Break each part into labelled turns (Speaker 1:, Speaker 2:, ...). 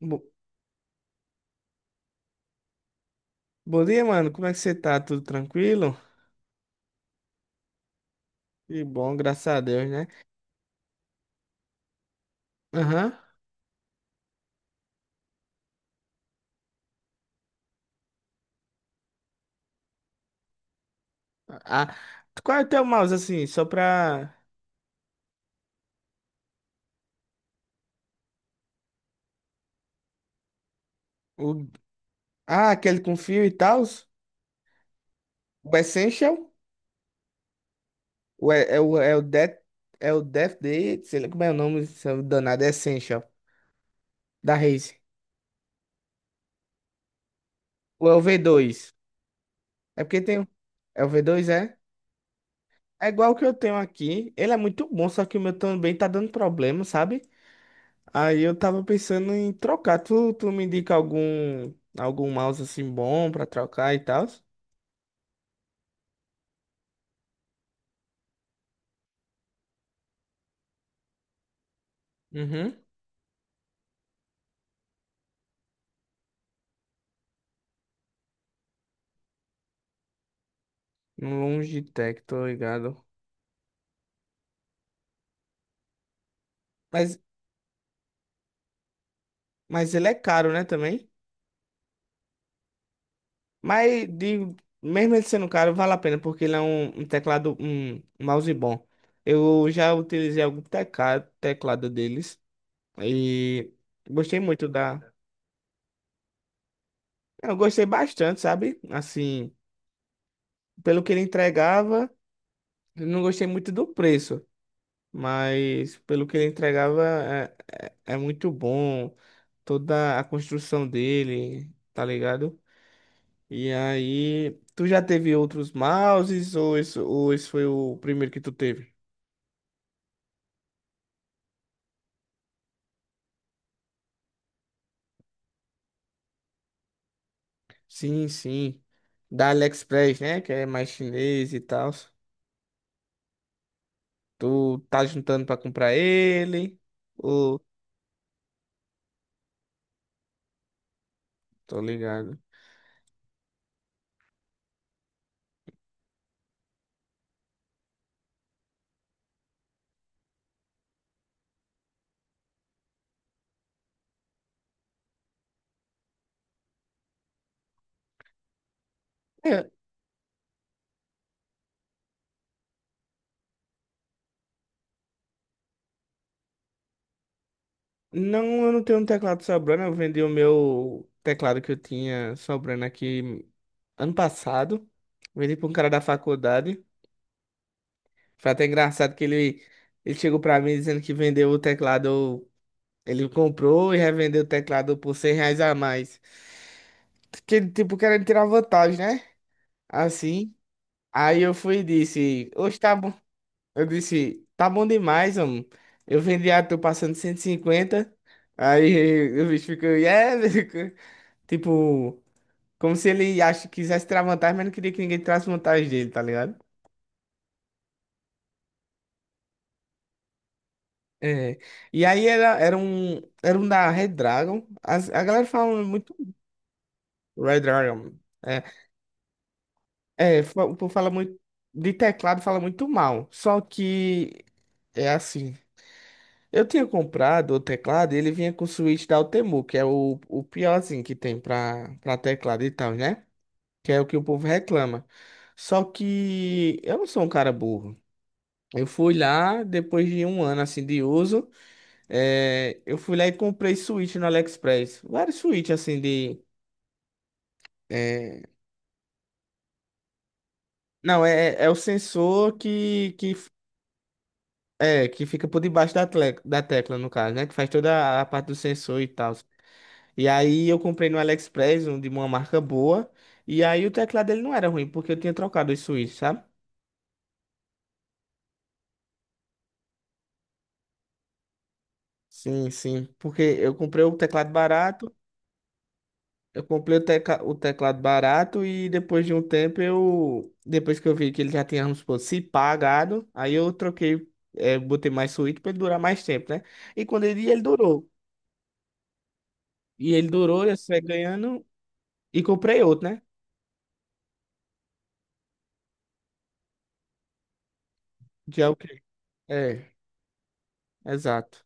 Speaker 1: Bo- Bom dia, mano. Como é que você tá? Tudo tranquilo? Que bom, graças a Deus, né? Aham. Ah, qual é o teu mouse, assim? Só pra. O. Ah, aquele com fio e tal? O Essential? O, é, é o, é o Death. É o Death Day? Sei lá como é o nome, seu danado. É Essential, da Razer. Ou é o V2? É porque tem. É o V2, é? É igual o que eu tenho aqui. Ele é muito bom, só que o meu também tá dando problema, sabe? Aí eu tava pensando em trocar. Tu me indica algum mouse assim bom pra trocar e tal? Uhum. Um Logitech, tô ligado. Mas, mas ele é caro, né, também? Mas digo, mesmo ele sendo caro, vale a pena, porque ele é um teclado, um mouse bom. Eu já utilizei algum teclado deles e gostei muito da. Eu gostei bastante, sabe? Assim, pelo que ele entregava, eu não gostei muito do preço. Mas pelo que ele entregava é muito bom toda a construção dele, tá ligado? E aí, tu já teve outros mouses ou esse, foi o primeiro que tu teve? Sim, sim. Da AliExpress, né? Que é mais chinês e tal. Tu tá juntando pra comprar ele? Ou tô ligado? Não, eu não tenho um teclado sobrando. Eu vendi o meu teclado que eu tinha sobrando aqui ano passado. Vendi para um cara da faculdade. Foi até engraçado que ele chegou para mim dizendo que vendeu o teclado. Ele comprou e revendeu o teclado por R$ 100 a mais. Que, ele, tipo, querendo tirar vantagem, né? Assim. Aí eu fui e disse: Hoje tá bom. Eu disse: Tá bom demais, homem. Eu vendi a tu passando 150. Aí o bicho ficou, yeah, Tipo, como se ele acha, quisesse tirar vantagem, mas não queria que ninguém tirasse vantagem dele, tá ligado? É. E aí era um da Red Dragon. A galera fala muito Red Dragon. É, é, o povo fala muito de teclado, fala muito mal. Só que é assim. Eu tinha comprado o teclado, e ele vinha com o switch da Altemu, que é o piorzinho que tem pra teclado e tal, né? Que é o que o povo reclama. Só que eu não sou um cara burro. Eu fui lá, depois de um ano assim de uso, eu fui lá e comprei switch no AliExpress. Vários switch assim de. eh, Não, é, é o sensor que que fica por debaixo da tecla, no caso, né? Que faz toda a parte do sensor e tal. E aí eu comprei no AliExpress, um de uma marca boa. E aí o teclado dele não era ruim, porque eu tinha trocado os switch, sabe? Sim, sim. Porque eu comprei o teclado barato. Eu comprei o teclado barato e depois de um tempo eu. Depois que eu vi que ele já tinha, vamos supor, se pagado, aí eu troquei, botei mais suíte pra ele durar mais tempo, né? E quando ele ia, ele durou. E ele durou, eu saí ganhando e comprei outro, né? Já o quê? É, exato.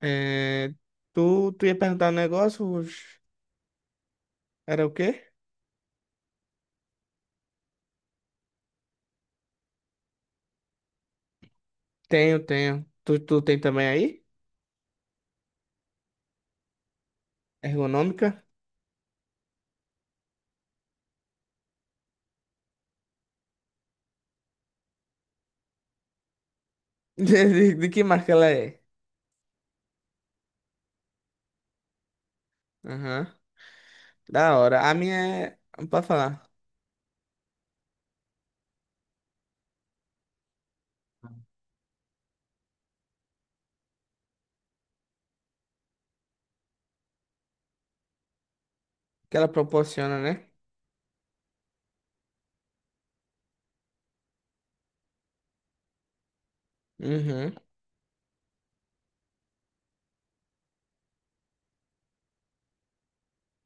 Speaker 1: É, tu ia perguntar um negócio? Ruth? Era o quê? Tenho, tenho. Tu tem também aí? Ergonômica? De que marca ela é? Aham. Da hora. A minha é. Pode falar. Que ela proporciona, né? Uhum,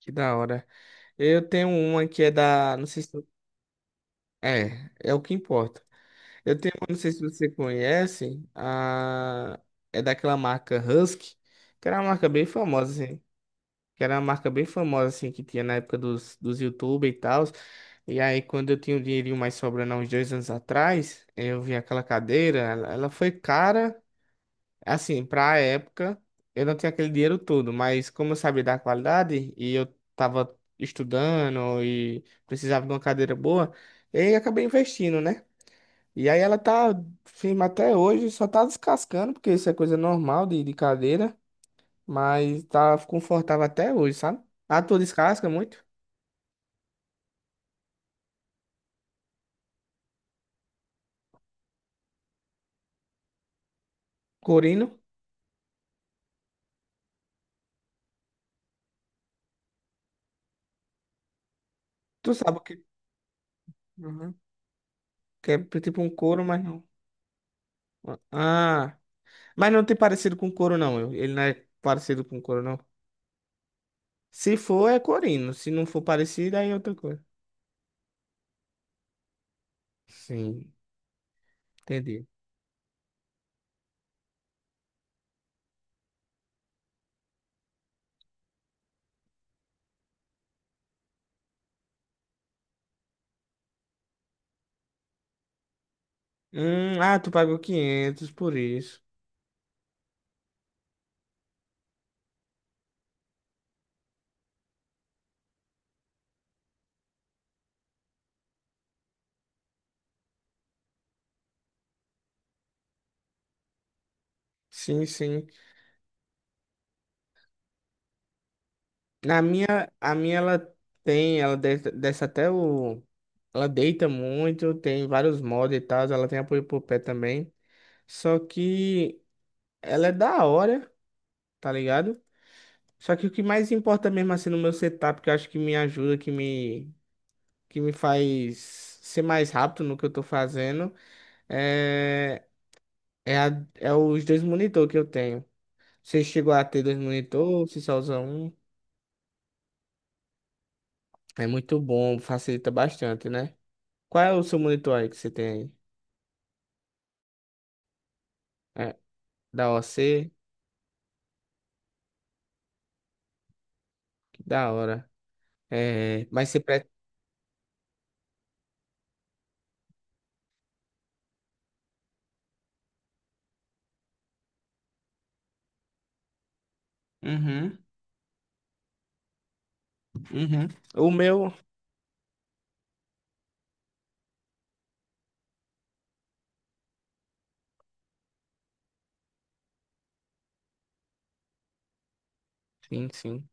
Speaker 1: que da hora. Eu tenho uma que é da. Não sei se. É, é o que importa. Eu tenho uma, não sei se você conhece. A. É daquela marca Husky, que era uma marca bem famosa, assim. Que era uma marca bem famosa, assim, que tinha na época dos YouTube e tal. E aí, quando eu tinha um dinheirinho mais sobrando há uns 2 anos atrás, eu vi aquela cadeira. Ela foi cara. Assim, pra época, eu não tinha aquele dinheiro todo, mas como eu sabia da qualidade e eu tava estudando e precisava de uma cadeira boa, e aí acabei investindo, né? E aí ela tá firme até hoje, só tá descascando, porque isso é coisa normal de cadeira, mas tá confortável até hoje, sabe? A tua descasca muito, corino. Tu sabe o que, uhum, que é tipo um couro, mas não. Ah, mas não tem parecido com couro, não. Ele não é parecido com couro, não. Se for, é corino. Se não for parecido, aí é outra coisa. Sim, entendi. Ah, tu pagou 500 por isso. Sim, sim. Na minha, a minha ela tem, ela desce até o. Ela deita muito, tem vários mods e tal, ela tem apoio pro pé também. Só que ela é da hora, tá ligado? Só que o que mais importa mesmo assim no meu setup, que eu acho que me ajuda, que me faz ser mais rápido no que eu tô fazendo, é é os dois monitor que eu tenho. Você chegou a ter dois monitor, se só usa um, é muito bom, facilita bastante, né? Qual é o seu monitor aí que você tem aí? É, da OC? Que da hora. É, mas você pre. Uhum, uhum. O meu. Sim, sim.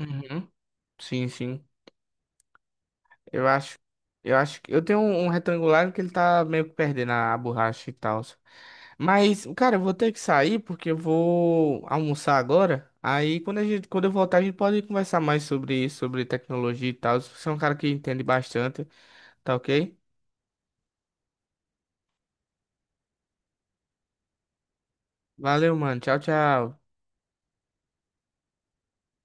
Speaker 1: Uhum. Sim, sim. Eu acho, eu acho que eu tenho um, retangular que ele tá meio que perdendo a borracha e tal. Mas, cara, eu vou ter que sair porque eu vou almoçar agora. Aí quando eu voltar, a gente pode conversar mais sobre isso, sobre tecnologia e tal. Você é um cara que entende bastante, tá ok? Valeu, mano. Tchau, tchau.